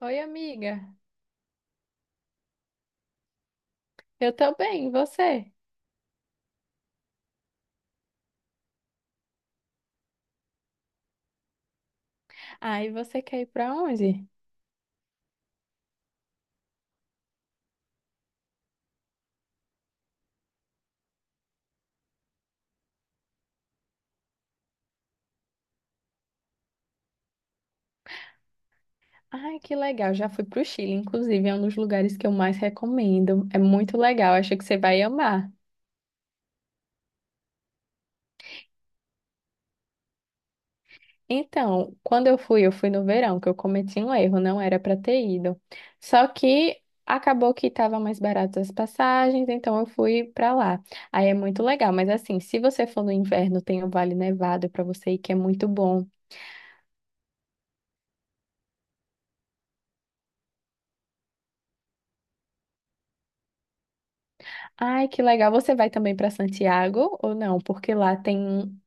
Oi, amiga. Eu tô bem, e você? Ah, e você quer ir pra onde? Ai, que legal. Já fui pro Chile, inclusive, é um dos lugares que eu mais recomendo. É muito legal, acho que você vai amar. Então, quando eu fui no verão, que eu cometi um erro, não era pra ter ido. Só que acabou que tava mais barato as passagens, então eu fui pra lá. Aí é muito legal, mas assim, se você for no inverno, tem o Vale Nevado pra você ir, que é muito bom. Ai, que legal. Você vai também para Santiago ou não? Porque lá tem um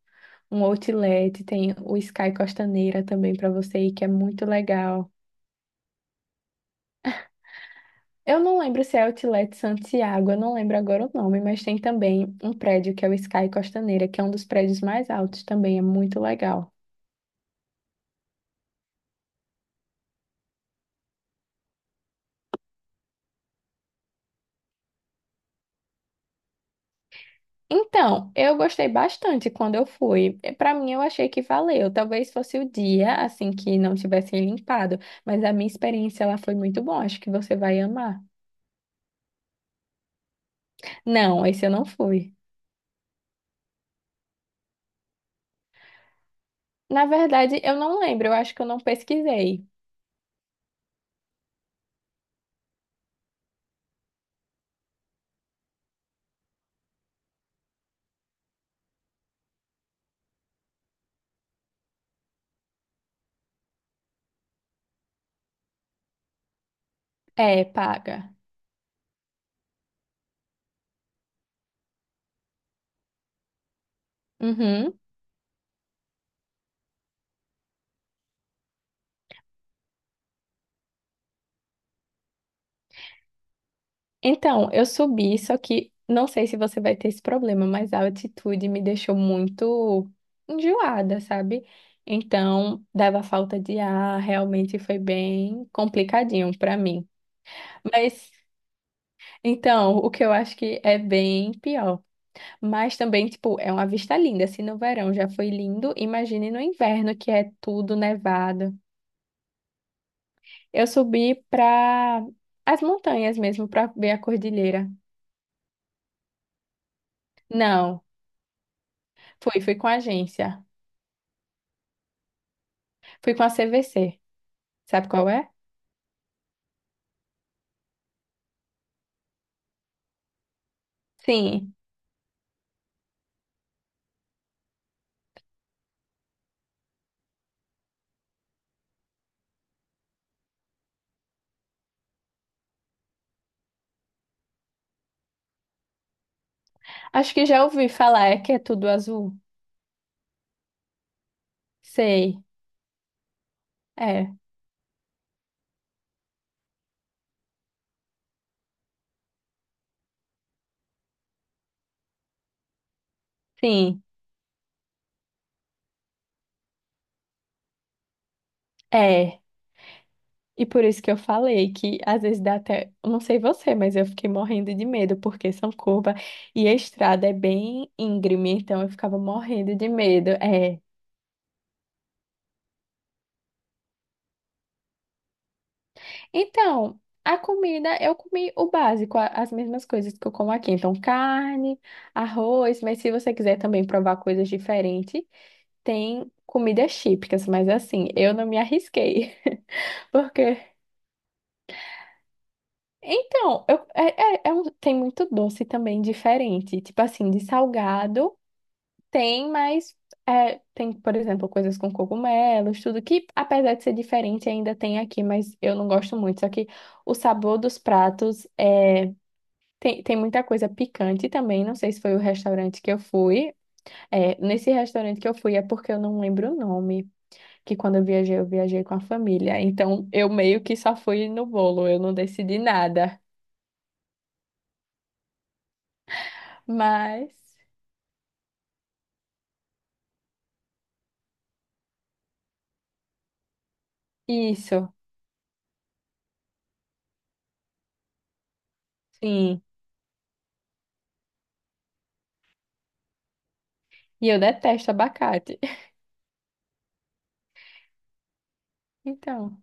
outlet, tem o Sky Costaneira também para você ir, que é muito legal. Eu não lembro se é Outlet Santiago, eu não lembro agora o nome, mas tem também um prédio que é o Sky Costaneira, que é um dos prédios mais altos também, é muito legal. Então, eu gostei bastante quando eu fui. Para mim, eu achei que valeu. Talvez fosse o dia, assim, que não tivessem limpado, mas a minha experiência lá foi muito bom. Acho que você vai amar. Não, esse eu não fui. Na verdade, eu não lembro, eu acho que eu não pesquisei. É, paga. Uhum. Então, eu subi, só que não sei se você vai ter esse problema, mas a altitude me deixou muito enjoada, sabe? Então, dava falta de ar, realmente foi bem complicadinho pra mim. Mas, então, o que eu acho que é bem pior. Mas também, tipo, é uma vista linda. Se no verão já foi lindo, imagine no inverno que é tudo nevado. Eu subi para as montanhas mesmo, para ver a cordilheira. Não, fui com a agência. Fui com a CVC. Sabe qual é? Sim. Acho que já ouvi falar, é que é tudo azul. Sei. É. Sim. É. E por isso que eu falei que às vezes dá até, eu não sei você, mas eu fiquei morrendo de medo porque são curvas e a estrada é bem íngreme, então eu ficava morrendo de medo. É. Então, a comida, eu comi o básico, as mesmas coisas que eu como aqui. Então, carne, arroz, mas se você quiser também provar coisas diferentes, tem comidas típicas, mas assim, eu não me arrisquei. Porque, então, eu, é, é- é um- tem muito doce também diferente. Tipo assim, de salgado tem, mas tem, por exemplo, coisas com cogumelos, tudo que, apesar de ser diferente, ainda tem aqui, mas eu não gosto muito. Só que o sabor dos pratos é. Tem muita coisa picante também. Não sei se foi o restaurante que eu fui. É, nesse restaurante que eu fui é porque eu não lembro o nome. Que quando eu viajei com a família. Então eu meio que só fui no bolo. Eu não decidi nada. Mas isso, sim. E eu detesto abacate. Então,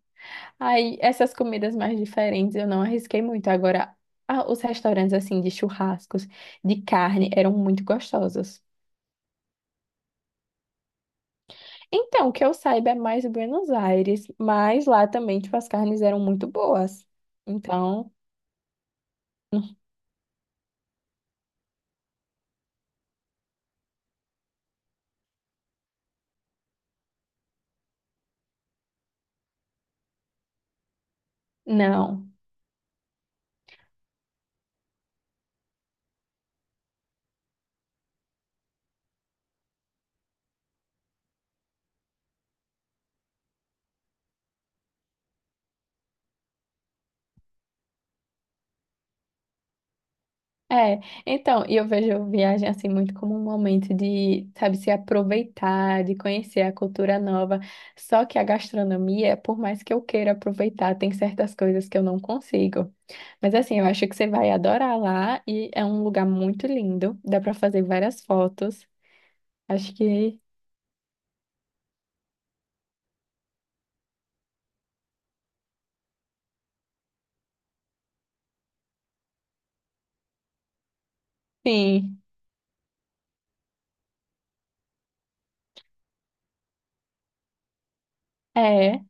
aí essas comidas mais diferentes eu não arrisquei muito. Agora, ah, os restaurantes assim de churrascos, de carne, eram muito gostosos. Então, que eu saiba é mais Buenos Aires, mas lá também, tipo, as carnes eram muito boas. Então, não. É, então, e eu vejo viagem assim muito como um momento de, sabe, se aproveitar, de conhecer a cultura nova. Só que a gastronomia, por mais que eu queira aproveitar, tem certas coisas que eu não consigo. Mas assim, eu acho que você vai adorar lá e é um lugar muito lindo, dá pra fazer várias fotos. Acho que sim. É.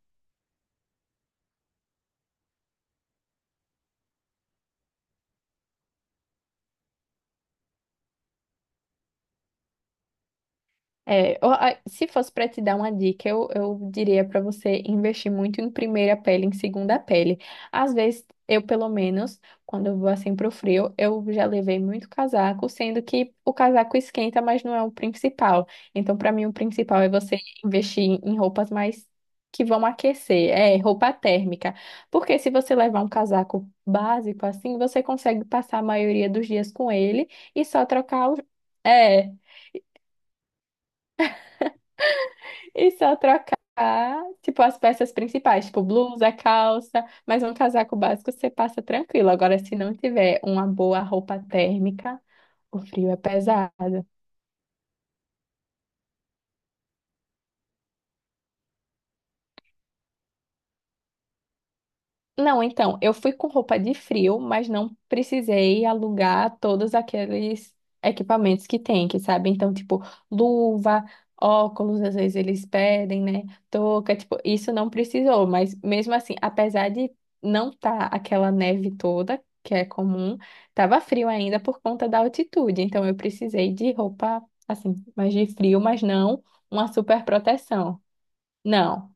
É, ó, se fosse para te dar uma dica, eu diria para você investir muito em primeira pele, em segunda pele. Às vezes, eu pelo menos, quando eu vou assim pro frio, eu já levei muito casaco, sendo que o casaco esquenta, mas não é o principal. Então, para mim, o principal é você investir em roupas mais que vão aquecer, é roupa térmica. Porque se você levar um casaco básico assim, você consegue passar a maioria dos dias com ele e só trocar é, e só trocar, tipo, as peças principais, tipo, blusa, calça, mas um casaco básico você passa tranquilo. Agora, se não tiver uma boa roupa térmica, o frio é pesado. Não, então, eu fui com roupa de frio, mas não precisei alugar todos aqueles equipamentos que tem, que sabe? Então, tipo, luva, óculos, às vezes eles pedem, né? Touca, tipo, isso não precisou, mas mesmo assim, apesar de não estar aquela neve toda, que é comum, tava frio ainda por conta da altitude, então eu precisei de roupa, assim, mais de frio, mas não uma super proteção. Não.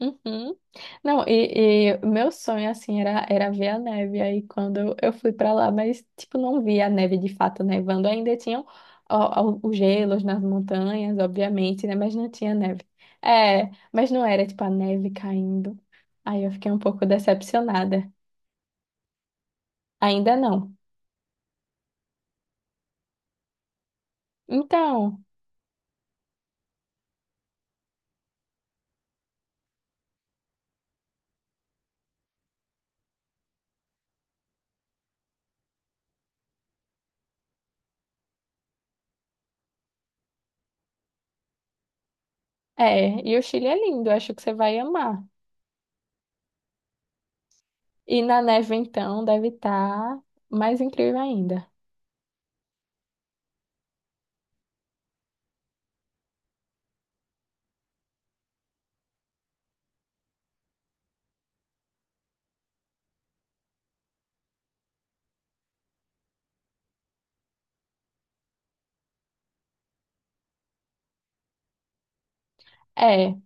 Uhum. Não, e meu sonho, assim, era ver a neve. Aí quando eu fui pra lá, mas, tipo, não vi a neve de fato nevando. Ainda tinham ó, os gelos nas montanhas, obviamente, né? Mas não tinha neve. É, mas não era, tipo, a neve caindo. Aí eu fiquei um pouco decepcionada. Ainda não. Então, é, e o Chile é lindo, acho que você vai amar. E na neve, então, deve estar mais incrível ainda. É.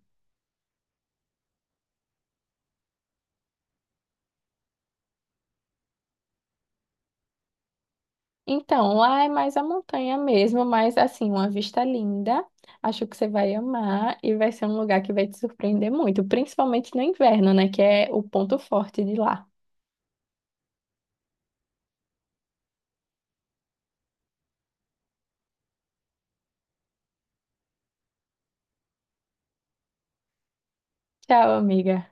Então, lá é mais a montanha mesmo, mas assim, uma vista linda. Acho que você vai amar e vai ser um lugar que vai te surpreender muito, principalmente no inverno, né? Que é o ponto forte de lá. Tchau, amiga.